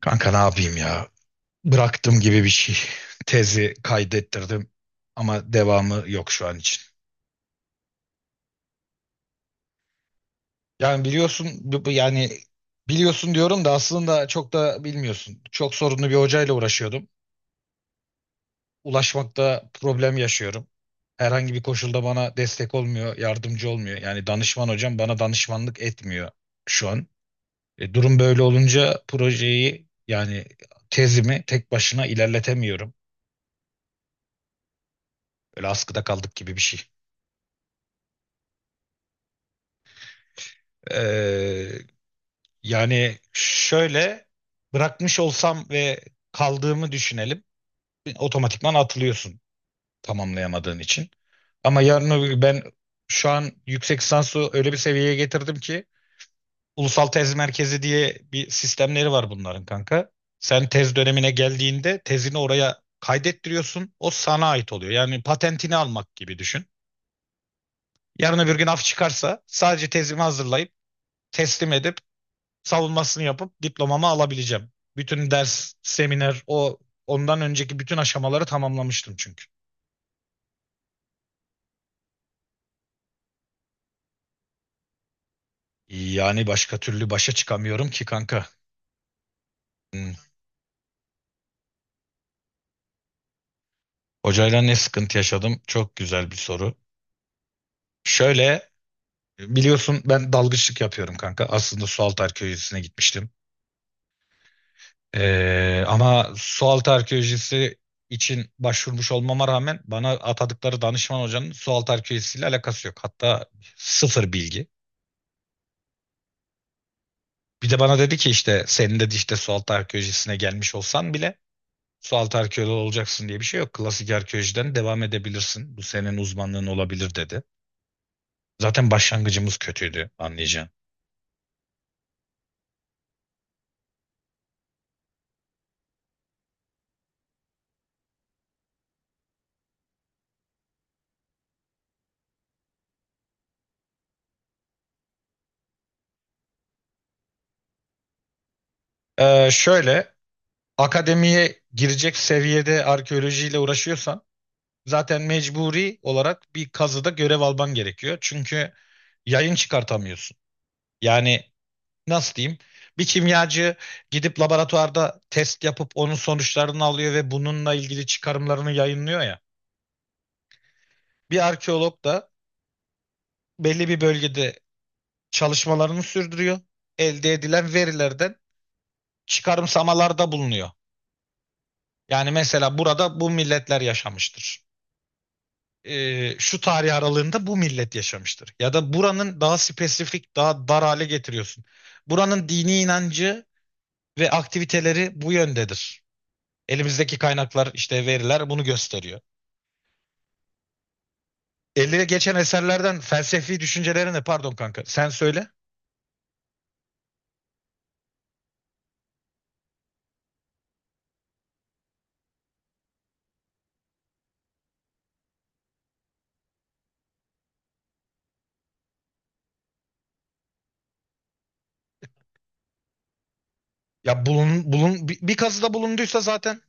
Kanka ne yapayım ya? Bıraktım gibi bir şey. Tezi kaydettirdim ama devamı yok şu an için. Yani biliyorsun biliyorsun diyorum da aslında çok da bilmiyorsun. Çok sorunlu bir hocayla uğraşıyordum. Ulaşmakta problem yaşıyorum. Herhangi bir koşulda bana destek olmuyor, yardımcı olmuyor. Yani danışman hocam bana danışmanlık etmiyor şu an. Durum böyle olunca projeyi yani tezimi tek başına ilerletemiyorum. Böyle askıda kaldık gibi bir şey. E, Yani şöyle bırakmış olsam ve kaldığımı düşünelim. Otomatikman atılıyorsun tamamlayamadığın için. Ama yarın öbür gün ben şu an yüksek lisansı öyle bir seviyeye getirdim ki ulusal tez merkezi diye bir sistemleri var bunların kanka. Sen tez dönemine geldiğinde tezini oraya kaydettiriyorsun. O sana ait oluyor. Yani patentini almak gibi düşün. Yarın öbür gün af çıkarsa sadece tezimi hazırlayıp teslim edip savunmasını yapıp diplomamı alabileceğim. Bütün ders, seminer, ondan önceki bütün aşamaları tamamlamıştım çünkü. Yani başka türlü başa çıkamıyorum ki kanka. Hmm. Hocayla ne sıkıntı yaşadım? Çok güzel bir soru. Şöyle biliyorsun ben dalgıçlık yapıyorum kanka. Aslında sualtı arkeolojisine gitmiştim. Ama sualtı arkeolojisi için başvurmuş olmama rağmen bana atadıkları danışman hocanın sualtı arkeolojisiyle alakası yok. Hatta sıfır bilgi. Bir de bana dedi ki işte senin dedi işte sualtı arkeolojisine gelmiş olsan bile sualtı arkeoloğu olacaksın diye bir şey yok. Klasik arkeolojiden devam edebilirsin. Bu senin uzmanlığın olabilir dedi. Zaten başlangıcımız kötüydü anlayacağın. Şöyle akademiye girecek seviyede arkeolojiyle uğraşıyorsan zaten mecburi olarak bir kazıda görev alman gerekiyor. Çünkü yayın çıkartamıyorsun. Yani nasıl diyeyim? Bir kimyacı gidip laboratuvarda test yapıp onun sonuçlarını alıyor ve bununla ilgili çıkarımlarını yayınlıyor ya. Bir arkeolog da belli bir bölgede çalışmalarını sürdürüyor. Elde edilen verilerden çıkarımsamalarda bulunuyor. Yani mesela burada bu milletler yaşamıştır. Şu tarih aralığında bu millet yaşamıştır. Ya da buranın daha spesifik, daha dar hale getiriyorsun. Buranın dini inancı ve aktiviteleri bu yöndedir. Elimizdeki kaynaklar işte veriler bunu gösteriyor. Elde geçen eserlerden felsefi düşüncelerini pardon kanka sen söyle. Ya bir kazıda bulunduysa zaten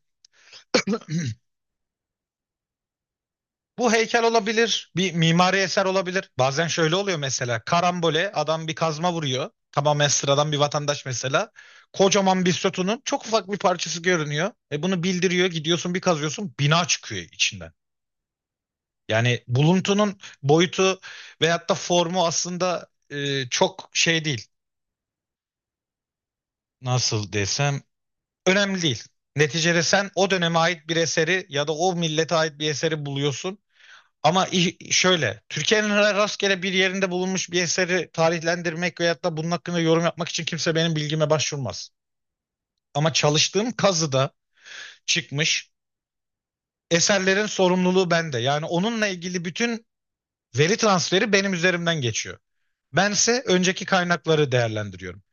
bu heykel olabilir, bir mimari eser olabilir. Bazen şöyle oluyor mesela karambole adam bir kazma vuruyor. Tamamen sıradan bir vatandaş mesela. Kocaman bir sütunun çok ufak bir parçası görünüyor. E bunu bildiriyor gidiyorsun bir kazıyorsun bina çıkıyor içinden. Yani buluntunun boyutu veyahut da formu aslında çok şey değil. Nasıl desem önemli değil. Neticede sen o döneme ait bir eseri ya da o millete ait bir eseri buluyorsun. Ama şöyle Türkiye'nin rastgele bir yerinde bulunmuş bir eseri tarihlendirmek veyahut da bunun hakkında yorum yapmak için kimse benim bilgime başvurmaz. Ama çalıştığım kazıda çıkmış eserlerin sorumluluğu bende. Yani onunla ilgili bütün veri transferi benim üzerimden geçiyor. Bense önceki kaynakları değerlendiriyorum.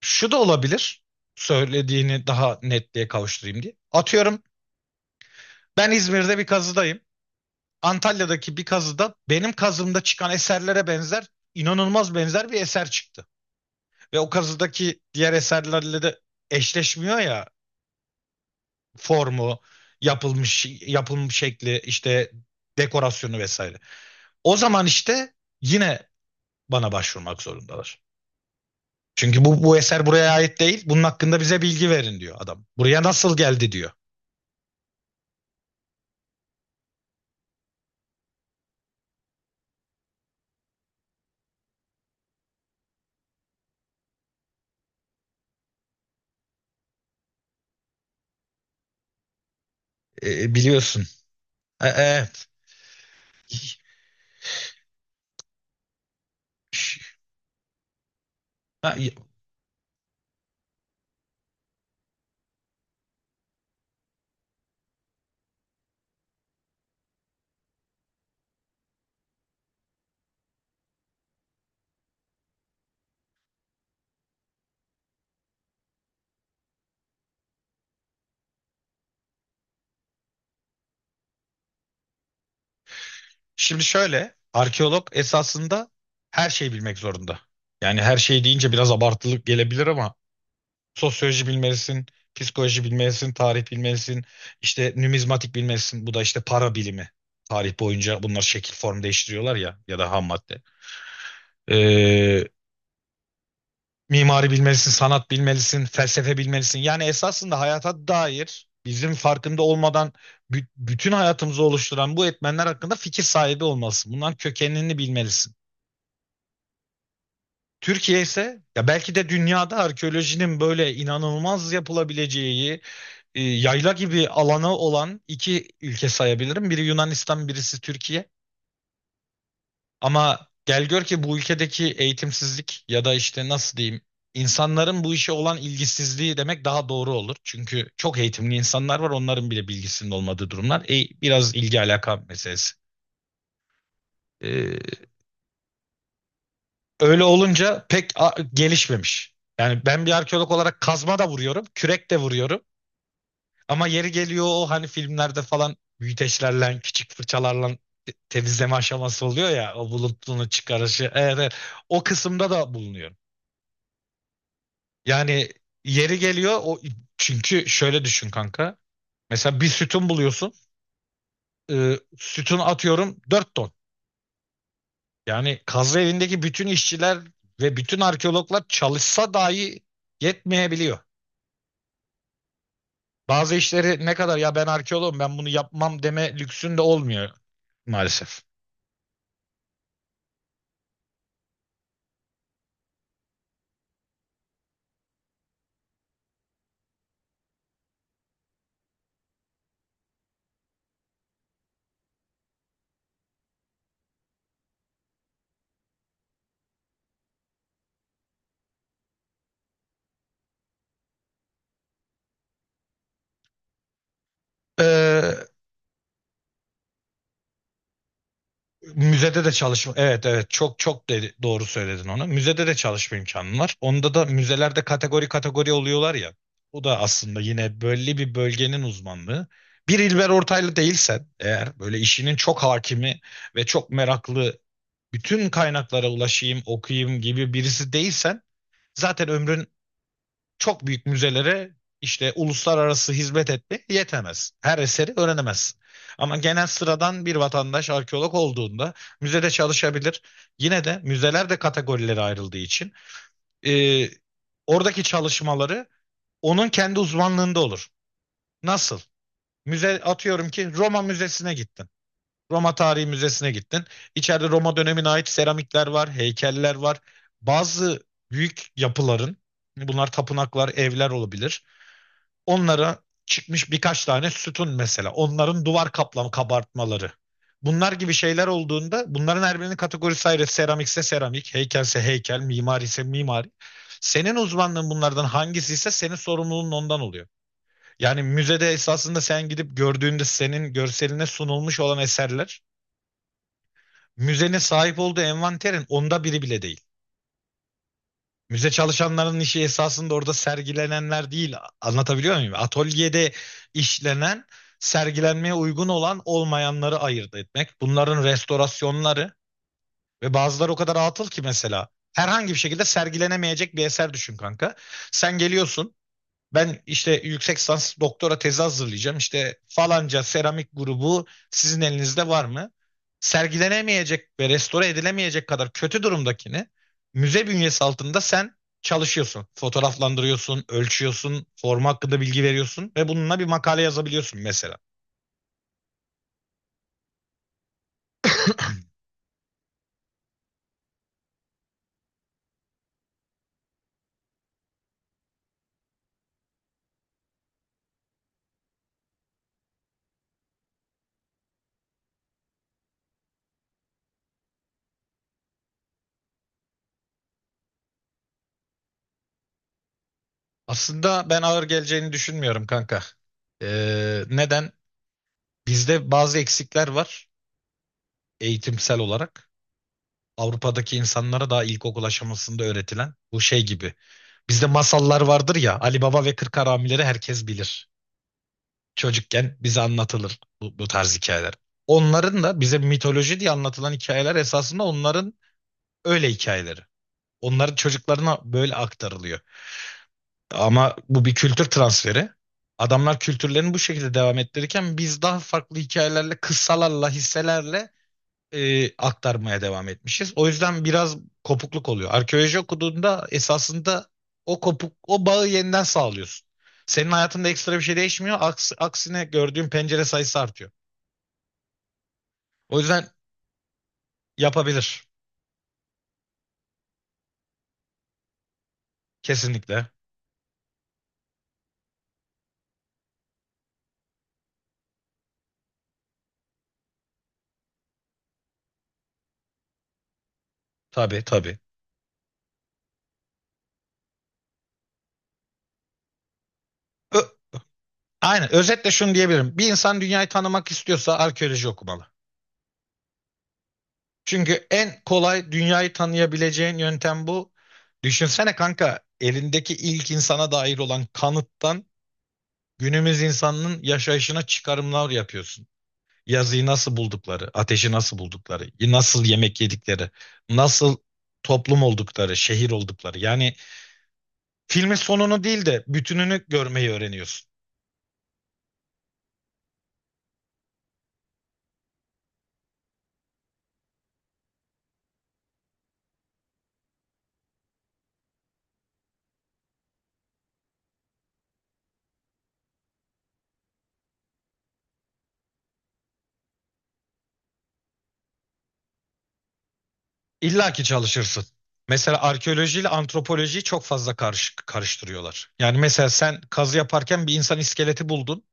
Şu da olabilir. Söylediğini daha netliğe kavuşturayım diye. Atıyorum ben İzmir'de bir kazıdayım. Antalya'daki bir kazıda benim kazımda çıkan eserlere benzer, inanılmaz benzer bir eser çıktı. Ve o kazıdaki diğer eserlerle de eşleşmiyor ya formu, yapılmış şekli, işte dekorasyonu vesaire. O zaman işte yine bana başvurmak zorundalar. Çünkü bu eser buraya ait değil. Bunun hakkında bize bilgi verin diyor adam. Buraya nasıl geldi diyor. Biliyorsun. E, e, Şimdi şöyle arkeolog esasında her şeyi bilmek zorunda. Yani her şey deyince biraz abartılık gelebilir ama sosyoloji bilmelisin, psikoloji bilmelisin, tarih bilmelisin, işte numizmatik bilmelisin. Bu da işte para bilimi. Tarih boyunca bunlar şekil form değiştiriyorlar ya ya da ham madde. E, Mimari bilmelisin, sanat bilmelisin, felsefe bilmelisin. Yani esasında hayata dair bizim farkında olmadan bütün hayatımızı oluşturan bu etmenler hakkında fikir sahibi olmalısın. Bunların kökenini bilmelisin. Türkiye ise ya belki de dünyada arkeolojinin böyle inanılmaz yapılabileceği yayla gibi alanı olan iki ülke sayabilirim. Biri Yunanistan, birisi Türkiye. Ama gel gör ki bu ülkedeki eğitimsizlik ya da işte nasıl diyeyim insanların bu işe olan ilgisizliği demek daha doğru olur. Çünkü çok eğitimli insanlar var onların bile bilgisinin olmadığı durumlar. Biraz ilgi alaka meselesi. Ee, Öyle olunca pek gelişmemiş. Yani ben bir arkeolog olarak kazma da vuruyorum, kürek de vuruyorum. Ama yeri geliyor o hani filmlerde falan büyüteçlerle, küçük fırçalarla temizleme aşaması oluyor ya o bulutluğunu çıkarışı. Evet, evet. O kısımda da bulunuyor. Yani yeri geliyor o çünkü şöyle düşün kanka. Mesela bir sütun buluyorsun. Sütun atıyorum 4 ton. Yani kazı evindeki bütün işçiler ve bütün arkeologlar çalışsa dahi yetmeyebiliyor. Bazı işleri ne kadar ya ben arkeologum ben bunu yapmam deme lüksün de olmuyor maalesef. Ee, Müzede de çalışma. Evet, evet, çok çok dedi, doğru söyledin onu. Müzede de çalışma imkanım var. Onda da müzelerde kategori kategori oluyorlar ya. O da aslında yine belli bir bölgenin uzmanlığı. Bir İlber Ortaylı değilsen eğer böyle işinin çok hakimi ve çok meraklı bütün kaynaklara ulaşayım, okuyayım gibi birisi değilsen zaten ömrün çok büyük müzelere işte uluslararası hizmet etme yetemez. Her eseri öğrenemez. Ama genel sıradan bir vatandaş arkeolog olduğunda müzede çalışabilir. Yine de müzeler de kategorilere ayrıldığı için e, oradaki çalışmaları onun kendi uzmanlığında olur. Nasıl? Müze atıyorum ki Roma Müzesi'ne gittin. Roma Tarihi Müzesi'ne gittin. İçeride Roma dönemine ait seramikler var, heykeller var. Bazı büyük yapıların bunlar tapınaklar, evler olabilir. Onlara çıkmış birkaç tane sütun mesela. Onların duvar kaplam kabartmaları. Bunlar gibi şeyler olduğunda bunların her birinin kategorisi ayrı. Seramikse seramik, heykelse heykel, mimari ise mimari. Senin uzmanlığın bunlardan hangisi ise senin sorumluluğun ondan oluyor. Yani müzede esasında sen gidip gördüğünde senin görseline sunulmuş olan eserler müzenin sahip olduğu envanterin onda biri bile değil. Müze çalışanların işi esasında orada sergilenenler değil. Anlatabiliyor muyum? Atölyede işlenen, sergilenmeye uygun olan olmayanları ayırt etmek. Bunların restorasyonları ve bazıları o kadar atıl ki mesela. Herhangi bir şekilde sergilenemeyecek bir eser düşün kanka. Sen geliyorsun ben işte yüksek lisans doktora tezi hazırlayacağım. İşte falanca seramik grubu sizin elinizde var mı? Sergilenemeyecek ve restore edilemeyecek kadar kötü durumdakini müze bünyesi altında sen çalışıyorsun. Fotoğraflandırıyorsun, ölçüyorsun, forma hakkında bilgi veriyorsun ve bununla bir makale yazabiliyorsun mesela. Aslında ben ağır geleceğini düşünmüyorum kanka. Neden? Bizde bazı eksikler var eğitimsel olarak. Avrupa'daki insanlara daha ilkokul aşamasında öğretilen bu şey gibi bizde masallar vardır ya Ali Baba ve Kırk Haramileri herkes bilir. Çocukken bize anlatılır bu tarz hikayeler. Onların da bize mitoloji diye anlatılan hikayeler esasında onların öyle hikayeleri. Onların çocuklarına böyle aktarılıyor. Ama bu bir kültür transferi. Adamlar kültürlerini bu şekilde devam ettirirken biz daha farklı hikayelerle, kıssalarla, hisselerle aktarmaya devam etmişiz. O yüzden biraz kopukluk oluyor. Arkeoloji okuduğunda esasında o bağı yeniden sağlıyorsun. Senin hayatında ekstra bir şey değişmiyor. Aksine gördüğün pencere sayısı artıyor. O yüzden yapabilir. Kesinlikle. Tabii, tabii. Ö- Aynen. Özetle şunu diyebilirim. Bir insan dünyayı tanımak istiyorsa arkeoloji okumalı. Çünkü en kolay dünyayı tanıyabileceğin yöntem bu. Düşünsene kanka elindeki ilk insana dair olan kanıttan günümüz insanının yaşayışına çıkarımlar yapıyorsun. Yazıyı nasıl buldukları, ateşi nasıl buldukları, nasıl yemek yedikleri, nasıl toplum oldukları, şehir oldukları. Yani filmin sonunu değil de bütününü görmeyi öğreniyorsun. İlla ki çalışırsın. Mesela arkeolojiyle antropolojiyi çok fazla karıştırıyorlar. Yani mesela sen kazı yaparken bir insan iskeleti buldun.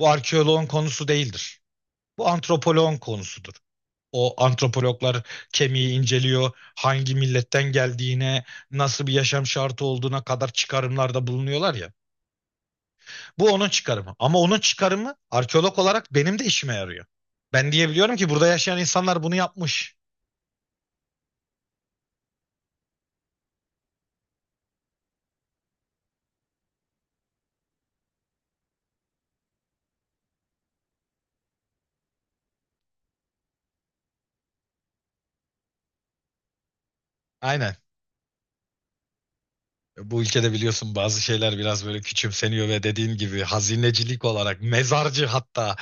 Bu arkeoloğun konusu değildir. Bu antropoloğun konusudur. O antropologlar kemiği inceliyor, hangi milletten geldiğine, nasıl bir yaşam şartı olduğuna kadar çıkarımlarda bulunuyorlar ya. Bu onun çıkarımı. Ama onun çıkarımı arkeolog olarak benim de işime yarıyor. Ben diyebiliyorum ki burada yaşayan insanlar bunu yapmış. Aynen. Bu ülkede biliyorsun bazı şeyler biraz böyle küçümseniyor ve dediğin gibi hazinecilik olarak mezarcı hatta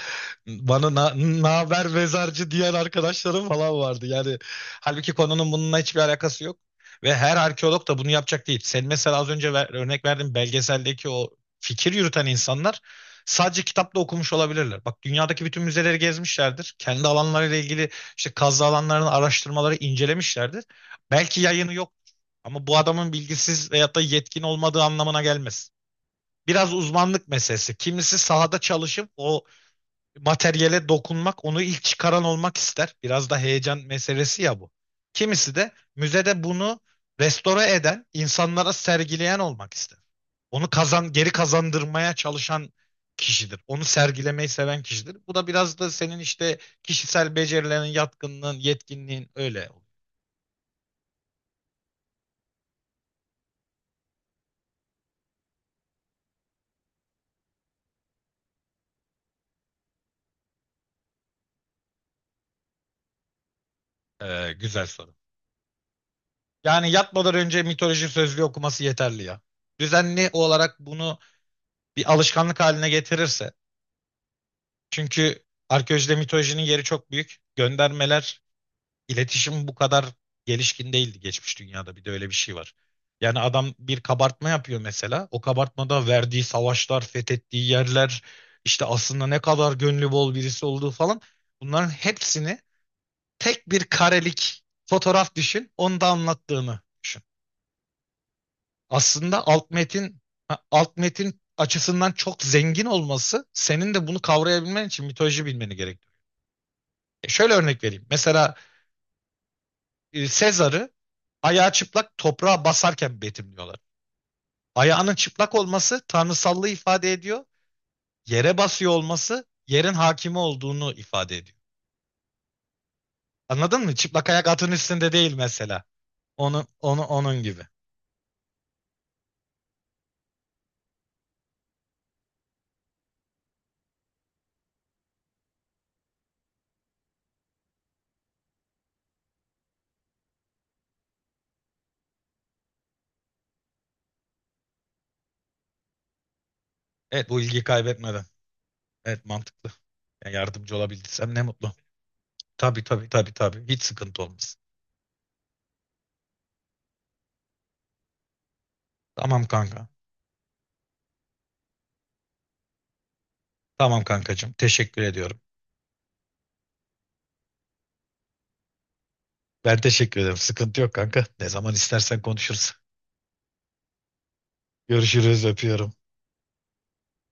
bana naber mezarcı diyen arkadaşlarım falan vardı. Yani halbuki konunun bununla hiçbir alakası yok ve her arkeolog da bunu yapacak değil. Sen mesela az önce örnek verdiğin belgeseldeki o fikir yürüten insanlar sadece kitapta okumuş olabilirler. Bak dünyadaki bütün müzeleri gezmişlerdir. Kendi alanlarıyla ilgili işte kazı alanlarının araştırmaları incelemişlerdir. Belki yayını yok ama bu adamın bilgisiz veyahut da yetkin olmadığı anlamına gelmez. Biraz uzmanlık meselesi. Kimisi sahada çalışıp o materyale dokunmak, onu ilk çıkaran olmak ister. Biraz da heyecan meselesi ya bu. Kimisi de müzede bunu restore eden, insanlara sergileyen olmak ister. Onu kazan, geri kazandırmaya çalışan kişidir. Onu sergilemeyi seven kişidir. Bu da biraz da senin işte kişisel becerilerin, yatkınlığın, yetkinliğin öyle. Güzel soru. Yani yatmadan önce mitoloji sözlüğü okuması yeterli ya. Düzenli olarak bunu bir alışkanlık haline getirirse. Çünkü arkeolojide mitolojinin yeri çok büyük. Göndermeler, iletişim bu kadar gelişkin değildi geçmiş dünyada. Bir de öyle bir şey var. Yani adam bir kabartma yapıyor mesela. O kabartmada verdiği savaşlar, fethettiği yerler, işte aslında ne kadar gönlü bol birisi olduğu falan. Bunların hepsini tek bir karelik fotoğraf düşün, onu da anlattığını düşün. Aslında alt metin açısından çok zengin olması senin de bunu kavrayabilmen için mitoloji bilmeni gerektiriyor. Şöyle örnek vereyim. Mesela Sezar'ı ayağı çıplak toprağa basarken betimliyorlar. Ayağının çıplak olması tanrısallığı ifade ediyor. Yere basıyor olması yerin hakimi olduğunu ifade ediyor. Anladın mı? Çıplak ayak atın üstünde değil mesela. Onu, onun gibi. Evet bu ilgi kaybetmeden. Evet mantıklı. Yani yardımcı olabildiysem ne mutlu. Tabii, tabii, tabii, tabii. Hiç sıkıntı olmaz. Tamam kanka. Tamam kankacığım. Teşekkür ediyorum. Ben teşekkür ederim. Sıkıntı yok kanka. Ne zaman istersen konuşuruz. Görüşürüz. Öpüyorum.